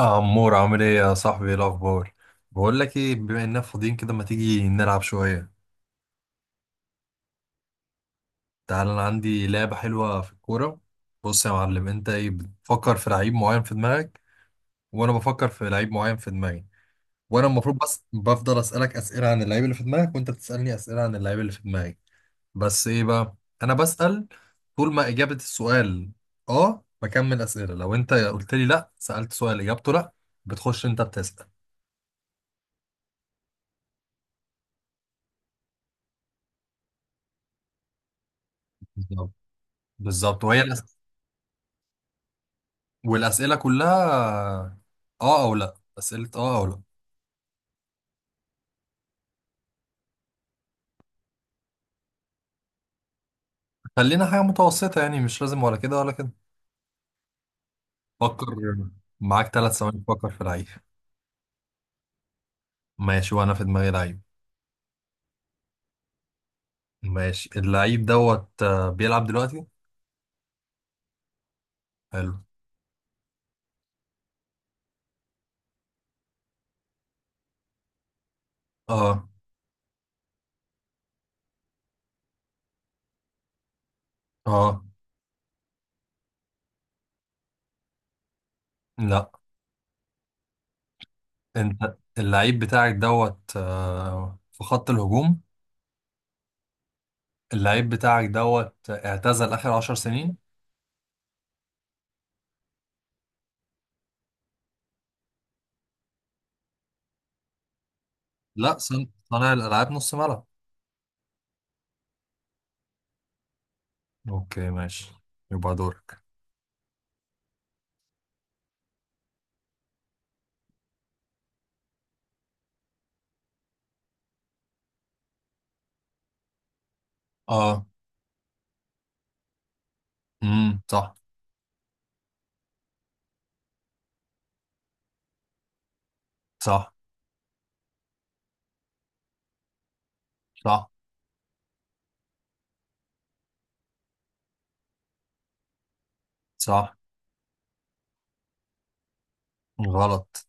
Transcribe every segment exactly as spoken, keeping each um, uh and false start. آه، عمور عامل ايه يا صاحبي؟ ايه الاخبار؟ بقول لك ايه، بما اننا فاضيين كده ما تيجي نلعب شويه؟ تعال انا عندي لعبه حلوه في الكوره. بص يا معلم، انت ايه بتفكر في لعيب معين في دماغك، وانا بفكر في لعيب معين في دماغي، وانا المفروض بس بفضل اسالك اسئله عن اللعيب اللي في دماغك وانت بتسالني اسئله عن اللعيب اللي في دماغي. بس ايه بقى، انا بسال طول ما اجابه السؤال اه بكمل اسئله، لو انت قلت لي لا سالت سؤال اجابته لا بتخش انت بتسال. بالظبط. بالظبط، وهي الأسئلة. والأسئلة كلها اه او لا، أسئلة اه او لا. خلينا حاجة متوسطة، يعني مش لازم ولا كده ولا كده. فكر، معاك ثلاث ثواني تفكر في لعيب. ماشي، وانا في دماغي لعيب. ماشي، اللعيب دوت آه، بيلعب دلوقتي. حلو. اه. اه. لا. انت اللعيب بتاعك دوت آه، في خط الهجوم. اللعيب بتاعك دوت اعتزل آخر عشر سنين. لا، صن- صانع الألعاب نص ملعب. اوكي ماشي، يبقى دورك. اه. امم، صح. صح. صح. صح. غلط.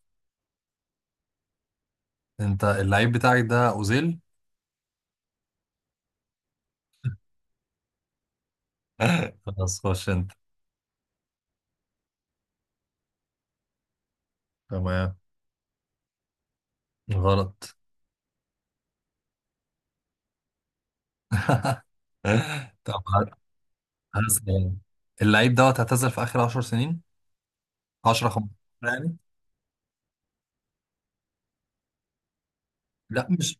انت اللعيب بتاعك ده اوزيل؟ خلاص خش انت. تمام. غلط. طب هات- هسأل. اللعيب دوت اعتزل في اخر 10 سنين، عشر خمسة عشر يعني. لا، مش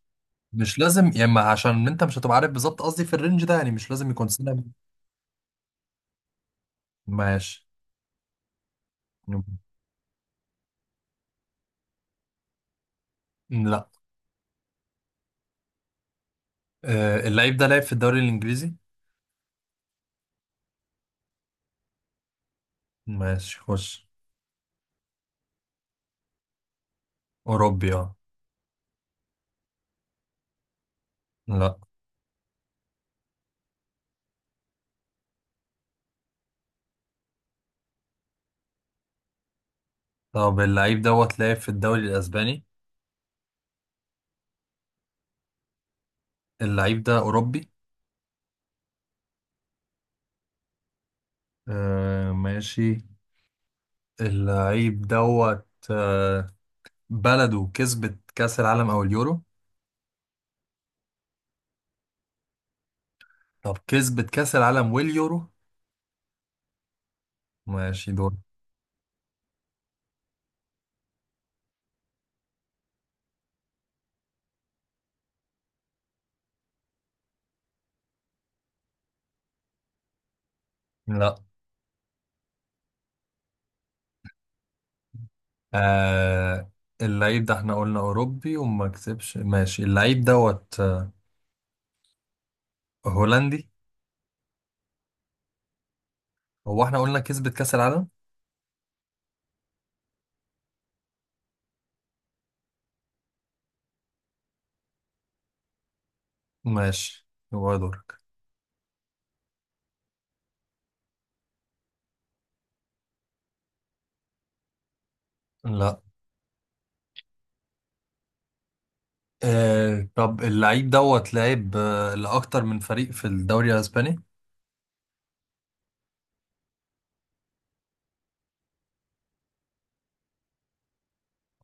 مش لازم يا اما، عشان انت مش هتبقى عارف بالظبط قصدي في الرينج ده، يعني مش لازم يكون سنة. ماشي. لا. آه، اللعيب ده لعب في الدوري الانجليزي. ماشي خش. اوروبي اه. لا. طب اللعيب دوت لعب في الدوري الاسباني. اللعيب ده اوروبي. آه ماشي. اللعيب دوت آه بلده كسبت كأس العالم أو اليورو؟ طب كسبت كأس العالم واليورو؟ ماشي دول. لا. آه، اللعيب ده احنا قلنا أوروبي وما كسبش، ماشي اللعيب دوت آه هولندي. هو احنا قلنا كسبت كأس العالم. ماشي يبقى دورك. لا. آه طب اللعيب دوت لعب آه لأكتر من فريق في الدوري الأسباني.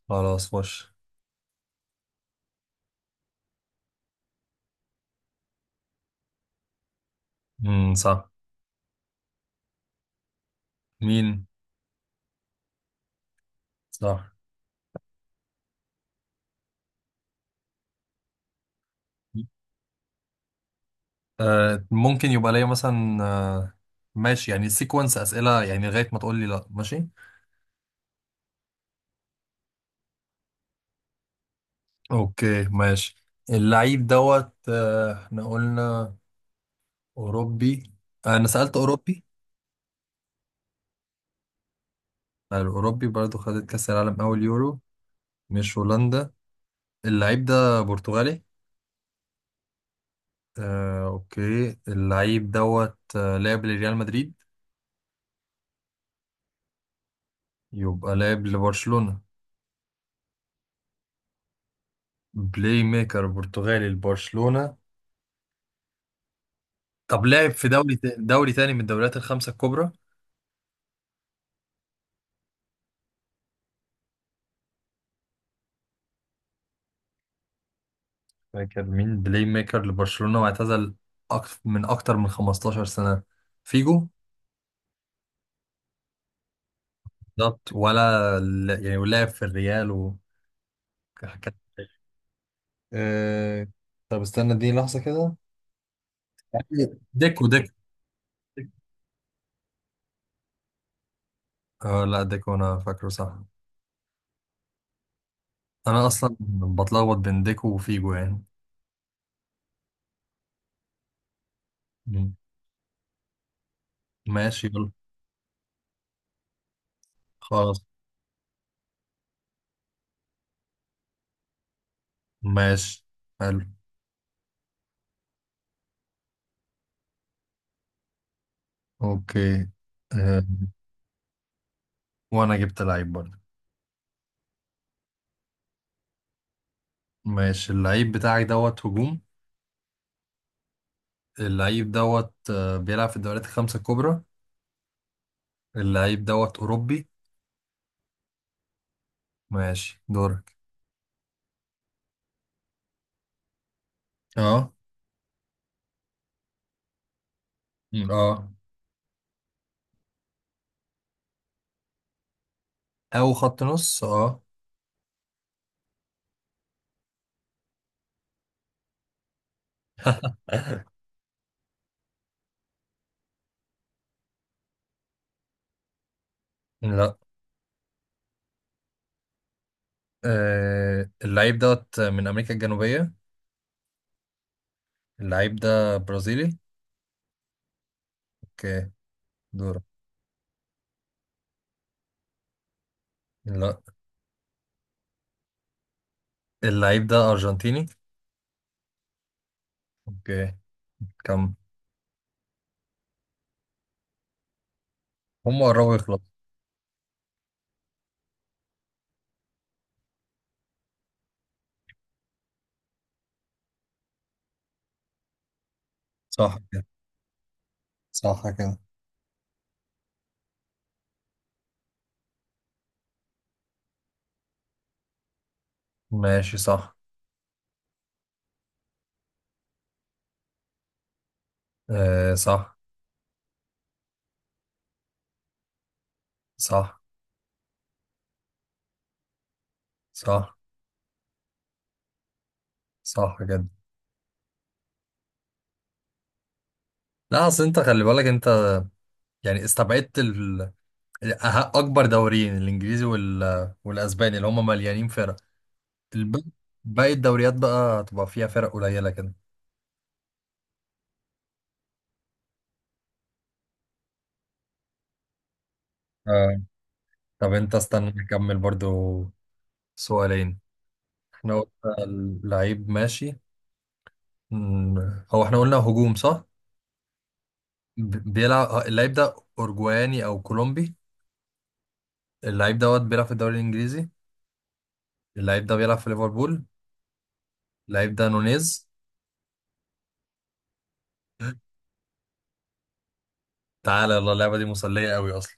خلاص وش. مم، صح. مين؟ صح. آه، ممكن يبقى ليا مثلا آه، ماشي يعني سيكونس أسئلة يعني لغاية ما تقول لي لا، ماشي. اوكي ماشي. اللعيب دوت آه، احنا قلنا أوروبي. آه، انا سألت أوروبي. آه، الأوروبي برضو خدت كأس العالم أول يورو، مش هولندا. اللعيب ده برتغالي. آه، اوكي. اللعيب دوت آه، لعب لريال مدريد. يبقى لعب لبرشلونة. بلاي ميكر برتغالي لبرشلونة. طب لعب في دوري دوري تاني من الدوريات الخمسة الكبرى؟ فاكر مين بلاي ميكر لبرشلونة واعتزل أكتر من أكتر من 15 سنة؟ فيجو. بالظبط، ولا ل- يعني ولعب في الريال و كان- أه... طب استنى دي لحظة كده. ديكو ديكو. اه لا ديكو، أنا فاكره صح. أنا أصلا بتلخبط بين ديكو وفيجو يعني. مم. ماشي يلا. خلاص. ماشي. حلو. أوكي. أه... وأنا جبت لعيب برضه. ماشي، اللعيب بتاعك دوت هجوم. اللعيب دوت آه، بيلعب في الدوريات الخمسة الكبرى. اللعيب دوت أوروبي. ماشي دورك. اه. م- اه. أو خط نص اه. لا. آه، اللعيب دوت من أمريكا الجنوبية. اللعيب ده برازيلي؟ اوكي دورك. لا. اللعيب ده أرجنتيني؟ اوكي. كم؟ هم قربوا يخلصوا. صح كده. صح كده. ماشي صح. آه صح. صح. صح. صح كده. لا أصل أنت خلي بالك أنت، يعني استبعدت أه- اكبر دوريين، الانجليزي وال... والاسباني اللي هم مليانين فرق. الب... باقي الدوريات بقى هتبقى فيها فرق قليله كده. آه. طب انت استنى نكمل برضو سؤالين. احنا قلنا اللعيب ماشي. مم، هو احنا قلنا هجوم صح. ب- بيلعب اللعيب ده اورجواني او كولومبي؟ اللعيب دوت بيلعب في الدوري الانجليزي. اللعيب ده بيلعب في ليفربول. اللعيب ده نونيز. تعالى يلا، اللعبه دي مسليه قوي اصلا.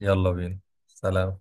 يلا بينا. سلام.